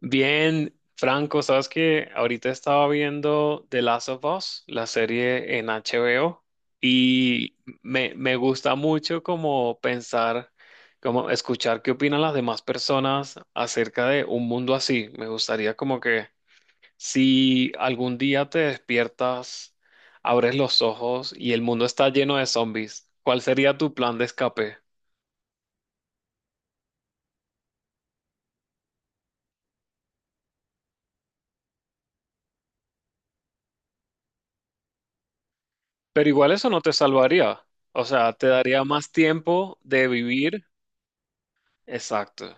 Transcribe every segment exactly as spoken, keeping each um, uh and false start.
Bien, Franco, sabes que ahorita estaba viendo The Last of Us, la serie en H B O, y me, me gusta mucho como pensar, como escuchar qué opinan las demás personas acerca de un mundo así. Me gustaría como que si algún día te despiertas, abres los ojos y el mundo está lleno de zombies, ¿cuál sería tu plan de escape? Pero igual eso no te salvaría. O sea, te daría más tiempo de vivir. Exacto.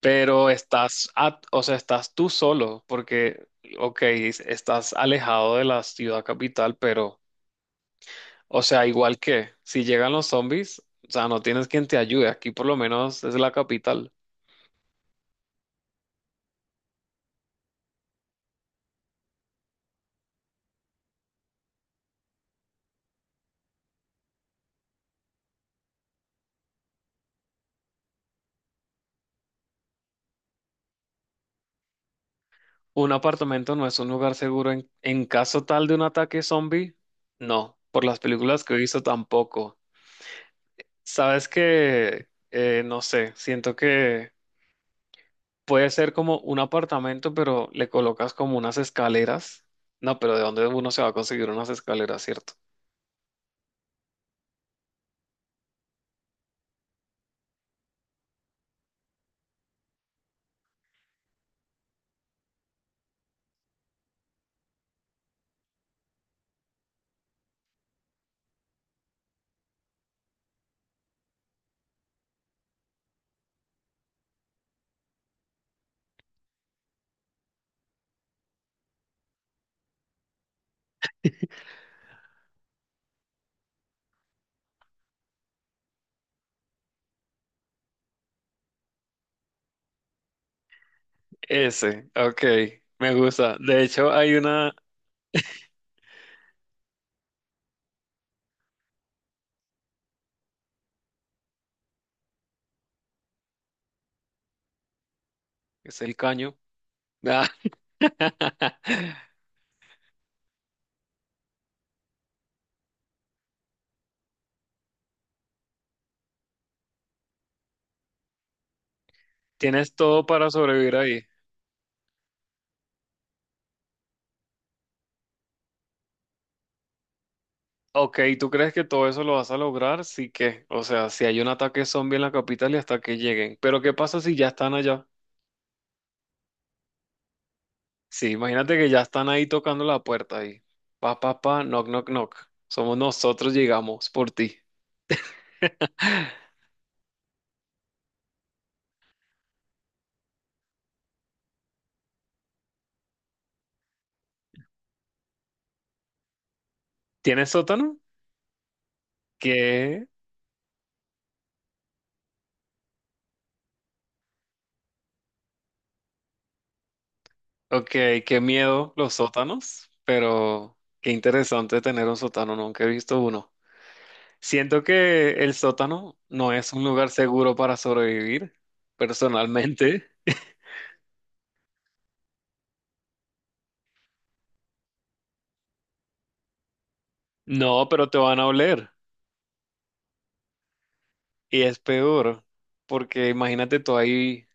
Pero estás, a- o sea, estás tú solo, porque, ok, es- estás alejado de la ciudad capital, pero, o sea, igual que si llegan los zombies, o sea, no tienes quien te ayude. Aquí por lo menos es la capital. Un apartamento no es un lugar seguro en, en caso tal de un ataque zombie. No, por las películas que he visto tampoco. Sabes que, eh, no sé, siento que puede ser como un apartamento, pero le colocas como unas escaleras. No, pero ¿de dónde uno se va a conseguir unas escaleras, cierto? Ese, ok, me gusta. De hecho, hay una, es el caño. Ah, tienes todo para sobrevivir ahí. Ok, ¿tú crees que todo eso lo vas a lograr? Sí, que, o sea, si hay un ataque zombie en la capital y hasta que lleguen. Pero ¿qué pasa si ya están allá? Sí, imagínate que ya están ahí tocando la puerta ahí. Pa, pa, pa, knock, knock, knock. Somos nosotros, llegamos por ti. ¿Tienes sótano? Qué, ok, qué miedo los sótanos, pero qué interesante tener un sótano, nunca he visto uno. Siento que el sótano no es un lugar seguro para sobrevivir, personalmente. No, pero te van a oler y es peor, porque imagínate tú ahí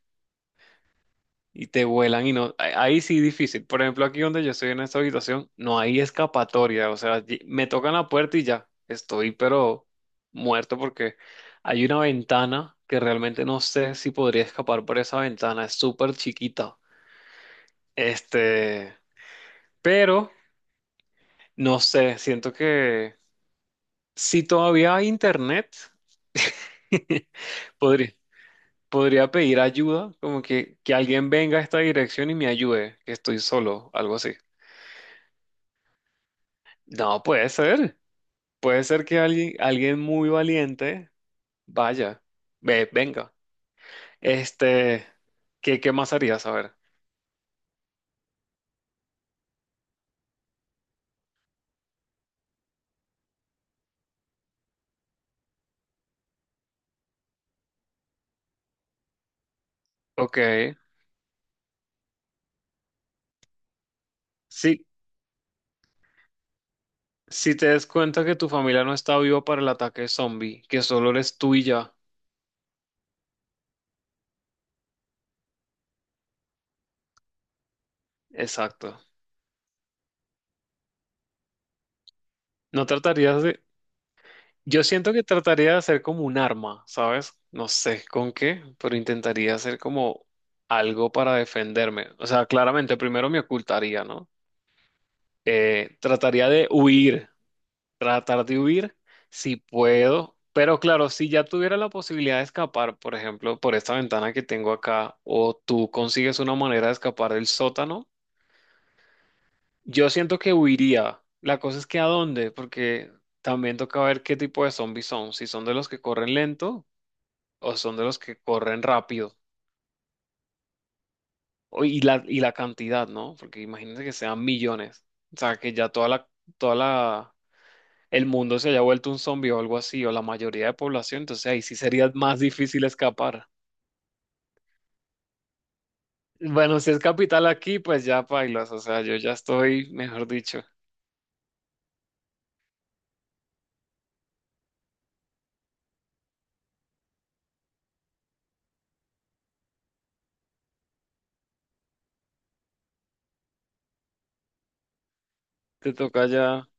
y te vuelan y no, ahí ahí sí difícil. Por ejemplo, aquí donde yo estoy en esta habitación, no hay escapatoria, o sea, allí- me tocan la puerta y ya, estoy pero muerto porque hay una ventana que realmente no sé si podría escapar por esa ventana, es súper chiquita. Este, pero no sé, siento que si todavía hay internet, podría, podría pedir ayuda, como que, que alguien venga a esta dirección y me ayude, que estoy solo, algo así. No puede ser. Puede ser que alguien, alguien muy valiente vaya, ve, venga. Este, ¿qué, ¿qué más harías? A ver. Ok. Si, si te des cuenta que tu familia no está viva para el ataque zombie, que solo eres tú y ya. Exacto. No tratarías de... Yo siento que trataría de hacer como un arma, ¿sabes? No sé con qué, pero intentaría hacer como algo para defenderme. O sea, claramente primero me ocultaría, ¿no? Eh, trataría de huir. Tratar de huir si puedo, pero claro, si ya tuviera la posibilidad de escapar, por ejemplo, por esta ventana que tengo acá, o tú consigues una manera de escapar del sótano, yo siento que huiría. La cosa es que a dónde, porque también toca ver qué tipo de zombies son, si son de los que corren lento o son de los que corren rápido. O- y la, y la cantidad, ¿no? Porque imagínense que sean millones, o sea, que ya toda la, toda la el mundo se haya vuelto un zombie o algo así, o la mayoría de población, entonces ahí sí sería más difícil escapar. Bueno, si es capital aquí, pues ya pailas, o sea, yo ya estoy, mejor dicho, te toca ya.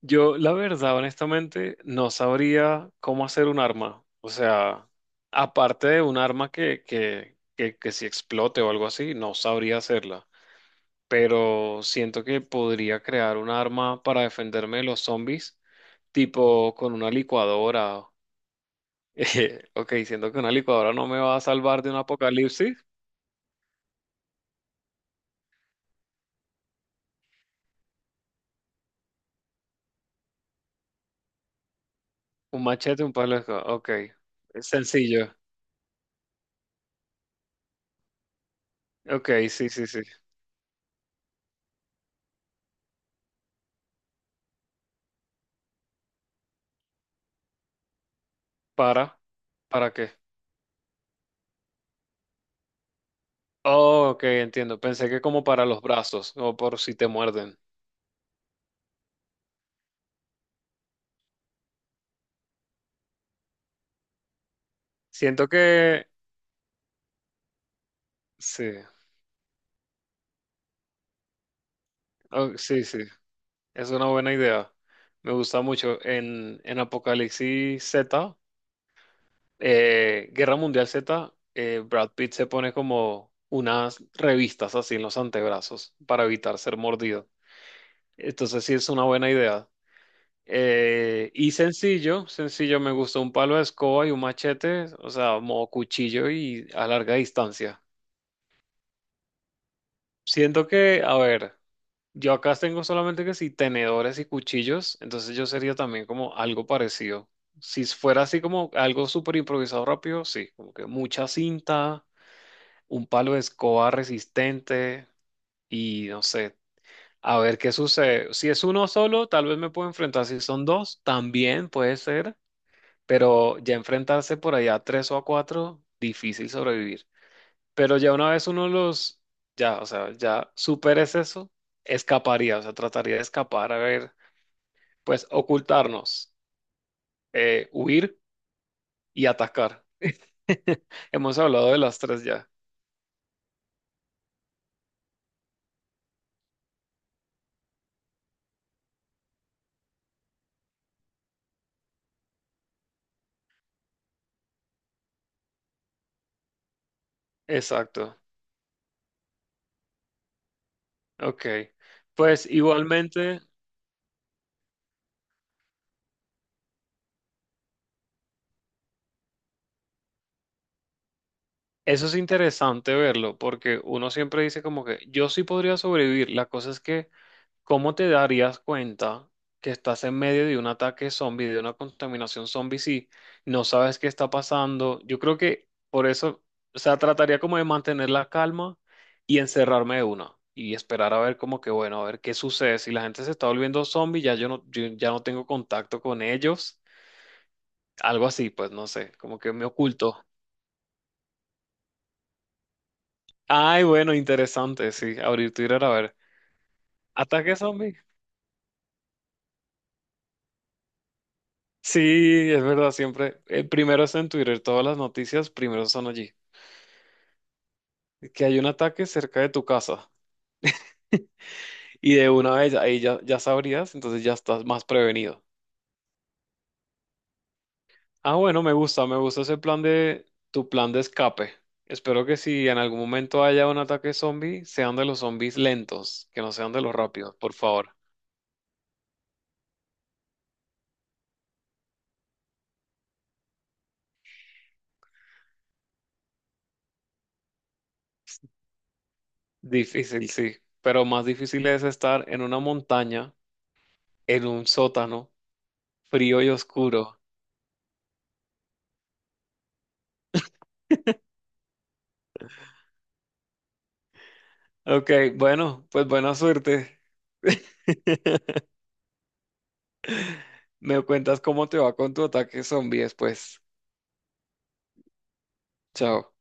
Yo, la verdad, honestamente, no sabría cómo hacer un arma, o sea, aparte de un arma que, que, que, que si explote o algo así, no sabría hacerla, pero siento que podría crear un arma para defenderme de los zombies, tipo con una licuadora. Eh, ok, siento que una licuadora no me va a salvar de un apocalipsis. Un machete, un palo de escoba. Ok, es sencillo. Ok, sí, sí, sí. ¿Para? ¿Para qué? Oh, ok, entiendo. Pensé que como para los brazos o por si te muerden. Siento que... Sí, oh, sí, sí. Es una buena idea. Me gusta mucho. En, en Apocalipsis Z, eh, Guerra Mundial Z, eh, Brad Pitt se pone como unas revistas así en los antebrazos para evitar ser mordido. Entonces sí es una buena idea. Eh, y sencillo, sencillo, me gusta un palo de escoba y un machete, o sea, modo cuchillo y a larga distancia. Siento que, a ver, yo acá tengo solamente que si tenedores y cuchillos, entonces yo sería también como algo parecido. Si fuera así como algo súper improvisado rápido, sí, como que mucha cinta, un palo de escoba resistente y no sé, a ver qué sucede. Si es uno solo, tal vez me puedo enfrentar. Si son dos, también puede ser. Pero ya enfrentarse por allá a tres o a cuatro, difícil sobrevivir. Pero ya una vez uno los, ya, o sea, ya superes eso, escaparía, o sea, trataría de escapar, a ver, pues ocultarnos, eh, huir y atacar. Hemos hablado de las tres ya. Exacto. Ok. Pues igualmente. Eso es interesante verlo, porque uno siempre dice como que yo sí podría sobrevivir. La cosa es que, ¿cómo te darías cuenta que estás en medio de un ataque zombie, de una contaminación zombie, si no sabes qué está pasando? Yo creo que por eso, o sea, trataría como de mantener la calma y encerrarme de una y esperar a ver como que, bueno, a ver qué sucede. Si la gente se está volviendo zombie, ya yo no, yo ya no tengo contacto con ellos. Algo así, pues no sé, como que me oculto. Ay, bueno, interesante, sí, abrir Twitter a ver. ¿Ataque zombie? Sí, es verdad, siempre. El primero es en Twitter, todas las noticias primero son allí. Que hay un ataque cerca de tu casa. Y de una vez ahí ya, ya sabrías, entonces ya estás más prevenido. Ah, bueno, me gusta, me gusta ese plan de tu plan de escape. Espero que si en algún momento haya un ataque zombie, sean de los zombies lentos, que no sean de los rápidos, por favor. Difícil, sí, pero más difícil es estar en una montaña, en un sótano. Frío y oscuro. Ok, bueno, pues buena suerte. Me cuentas cómo te va con tu ataque zombie después. Chao.